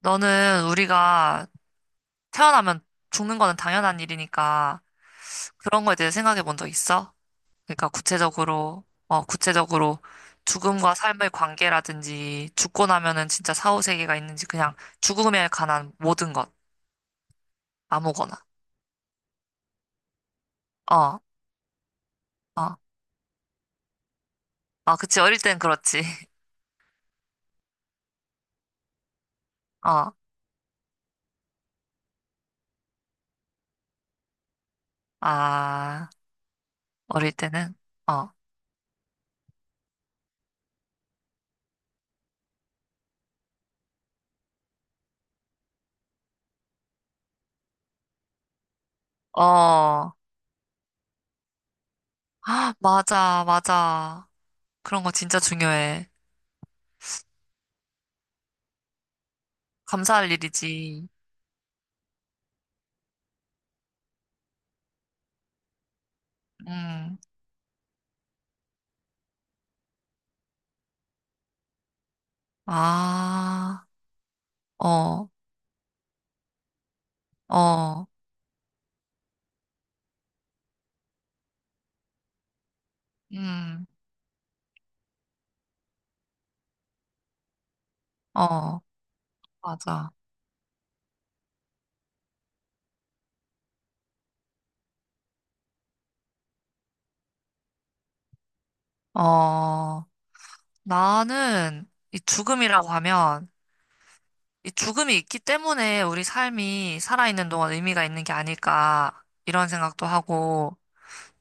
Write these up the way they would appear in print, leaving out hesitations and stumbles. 너는 우리가 태어나면 죽는 거는 당연한 일이니까 그런 거에 대해 생각해 본 적 있어? 그러니까 구체적으로 죽음과 삶의 관계라든지 죽고 나면은 진짜 사후세계가 있는지 그냥 죽음에 관한 모든 것, 아무거나. 어, 어. 아, 그치. 어릴 땐 그렇지. 어, 아, 어릴 때는? 어, 어. 맞아, 맞아. 그런 거 진짜 중요해. 감사할 일이지. 음, 아. 어, 어, 음, 어, 맞아. 어, 나는 이 죽음이라고 하면 이 죽음이 있기 때문에 우리 삶이 살아있는 동안 의미가 있는 게 아닐까 이런 생각도 하고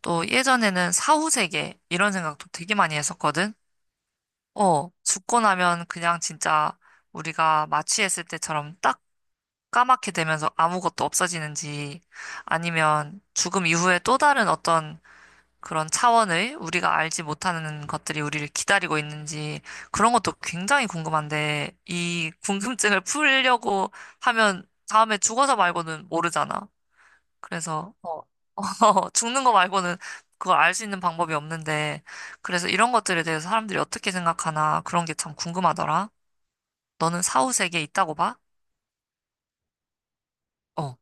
또 예전에는 사후세계 이런 생각도 되게 많이 했었거든. 어, 죽고 나면 그냥 진짜 우리가 마취했을 때처럼 딱 까맣게 되면서 아무것도 없어지는지 아니면 죽음 이후에 또 다른 어떤 그런 차원의 우리가 알지 못하는 것들이 우리를 기다리고 있는지 그런 것도 굉장히 궁금한데 이 궁금증을 풀려고 하면 다음에 죽어서 말고는 모르잖아. 그래서 어, 어, 죽는 거 말고는 그걸 알 수 있는 방법이 없는데 그래서 이런 것들에 대해서 사람들이 어떻게 생각하나 그런 게 참 궁금하더라. 너는 사후 세계에 있다고 봐? 어,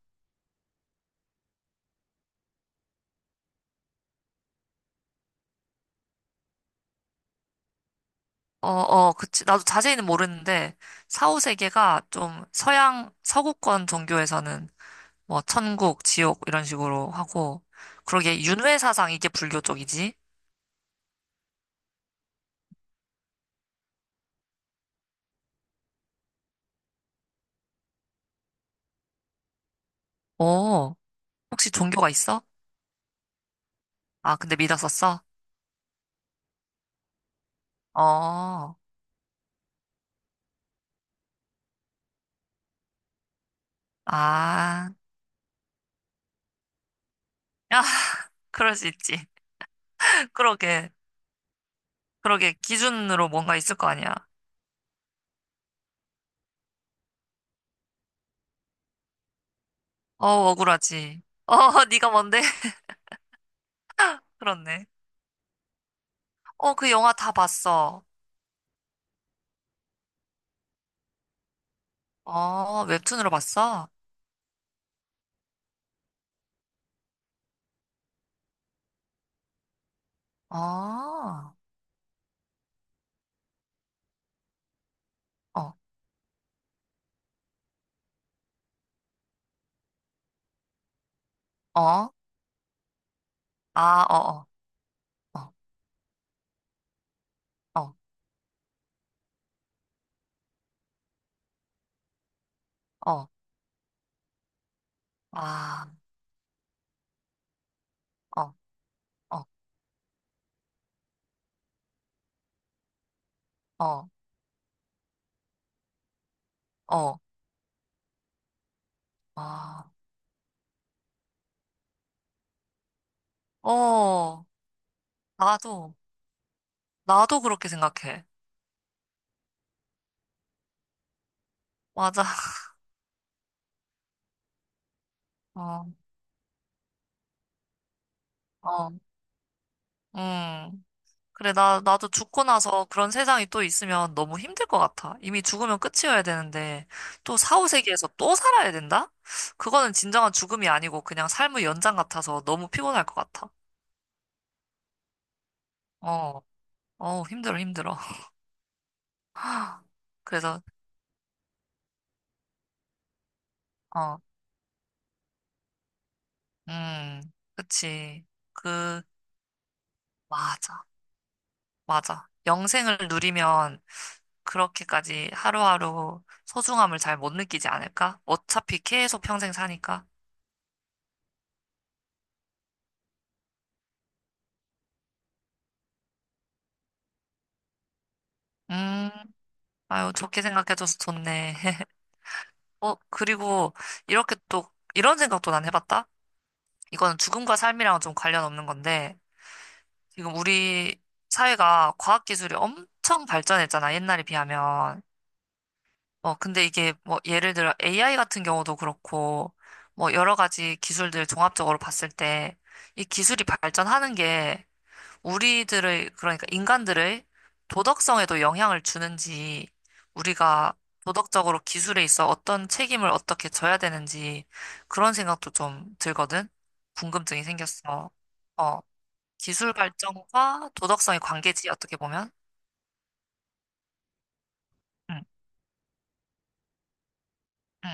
어, 어, 그치. 나도 자세히는 모르는데, 사후 세계가 좀 서양, 서구권 종교에서는 뭐 천국, 지옥 이런 식으로 하고 그러게 윤회 사상 이게 불교 쪽이지? 어, 혹시 종교가 있어? 아, 근데 믿었었어? 어, 아, 야 그럴 수 있지. 그러게, 그러게 기준으로 뭔가 있을 거 아니야. 어, 억울하지. 어, 네가 뭔데? 그렇네. 어, 그 영화 다 봤어. 어, 웹툰으로 봤어? 어, 어, 어, 아, 어, 어, 어, 어, 어, 아, 어, 어, 어, 어, 아. 어, 나도, 나도 그렇게 생각해. 맞아. 어, 어, 음. 그래, 나도 죽고 나서 그런 세상이 또 있으면 너무 힘들 것 같아. 이미 죽으면 끝이어야 되는데, 또 사후세계에서 또 살아야 된다? 그거는 진정한 죽음이 아니고 그냥 삶의 연장 같아서 너무 피곤할 것 같아. 어, 어, 힘들어, 힘들어. 그래서, 어, 음, 그치. 그, 맞아, 맞아. 영생을 누리면 그렇게까지 하루하루 소중함을 잘 못 느끼지 않을까? 어차피 계속 평생 사니까. 음, 아유, 좋게 생각해줘서 좋네. 어, 그리고 이렇게 또, 이런 생각도 난 해봤다? 이거는 죽음과 삶이랑은 좀 관련 없는 건데, 지금 우리 사회가 과학기술이 엄청 발전했잖아, 옛날에 비하면. 어, 근데 이게 뭐, 예를 들어 AI 같은 경우도 그렇고, 뭐, 여러 가지 기술들 종합적으로 봤을 때, 이 기술이 발전하는 게 우리들의, 그러니까 인간들의 도덕성에도 영향을 주는지, 우리가 도덕적으로 기술에 있어 어떤 책임을 어떻게 져야 되는지, 그런 생각도 좀 들거든? 궁금증이 생겼어. 어, 기술 발전과 도덕성의 관계지, 어떻게 보면? 응, 응.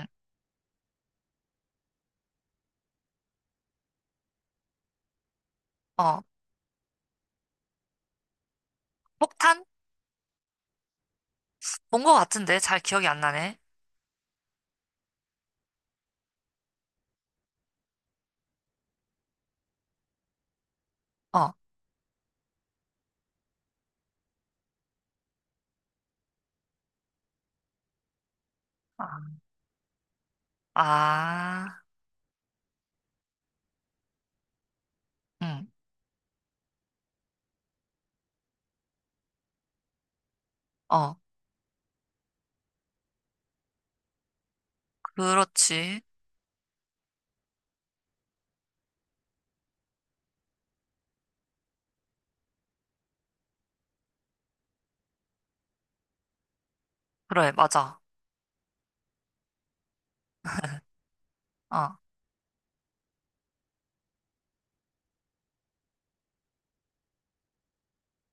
어, 폭탄? 본 것 같은데, 잘 기억이 안 나네. 어, 아, 아, 응, 어, 그렇지. 그래, 맞아. 어,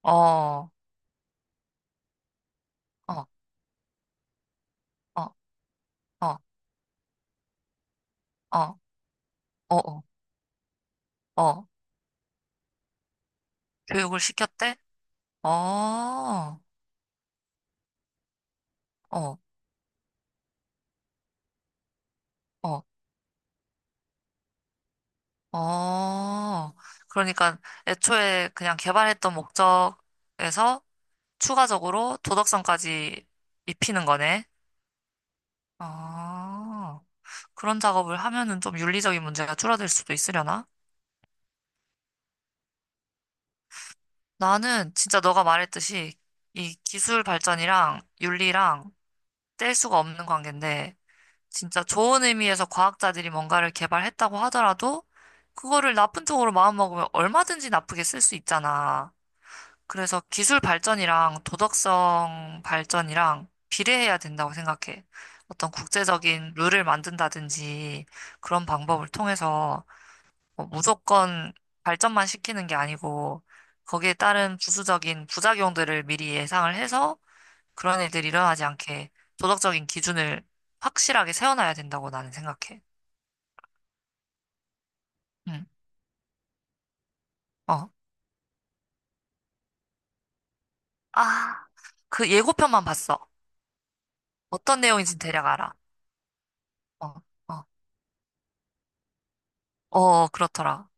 어, 어, 어, 어, 어. 어, 어. 어, 교육을 시켰대? 어, 어, 어, 어. 그러니까 애초에 그냥 개발했던 목적에서 추가적으로 도덕성까지 입히는 거네. 아, 그런 작업을 하면은 좀 윤리적인 문제가 줄어들 수도 있으려나? 나는 진짜 너가 말했듯이 이 기술 발전이랑 윤리랑 뗄 수가 없는 관계인데 진짜 좋은 의미에서 과학자들이 뭔가를 개발했다고 하더라도 그거를 나쁜 쪽으로 마음먹으면 얼마든지 나쁘게 쓸 수 있잖아. 그래서 기술 발전이랑 도덕성 발전이랑 비례해야 된다고 생각해. 어떤 국제적인 룰을 만든다든지 그런 방법을 통해서 뭐 무조건 발전만 시키는 게 아니고 거기에 따른 부수적인 부작용들을 미리 예상을 해서 그런 일들이 일어나지 않게 도덕적인 기준을 확실하게 세워놔야 된다고 나는 생각해. 응. 어. 아, 그 예고편만 봤어. 어떤 내용인지 대략 알아. 어, 어, 어, 그렇더라.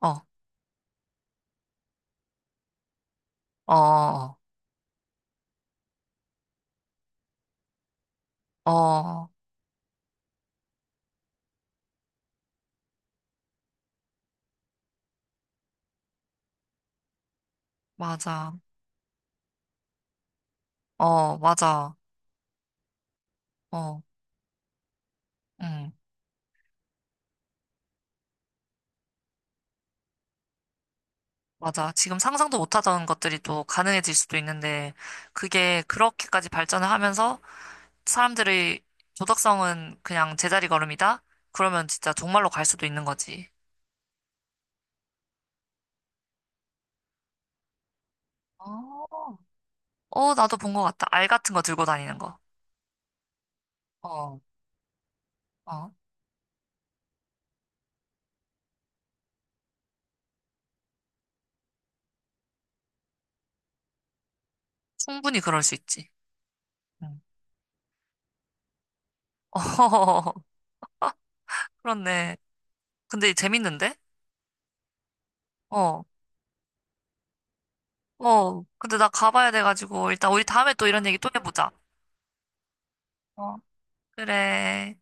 어, 어, 어, 어, 맞아. 어, 맞아. 어, 응, 맞아. 지금 상상도 못하던 것들이 또 가능해질 수도 있는데, 그게 그렇게까지 발전을 하면서 사람들의 도덕성은 그냥 제자리 걸음이다? 그러면 진짜 정말로 갈 수도 있는 거지. 어, 어, 나도 본 것 같다. 알 같은 거 들고 다니는 거. 어, 어. 충분히 그럴 수 있지. 응. 어, 그렇네. 근데 재밌는데? 어, 어. 근데 나 가봐야 돼가지고, 일단 우리 다음에 또 이런 얘기 또 해보자. 어. 그래.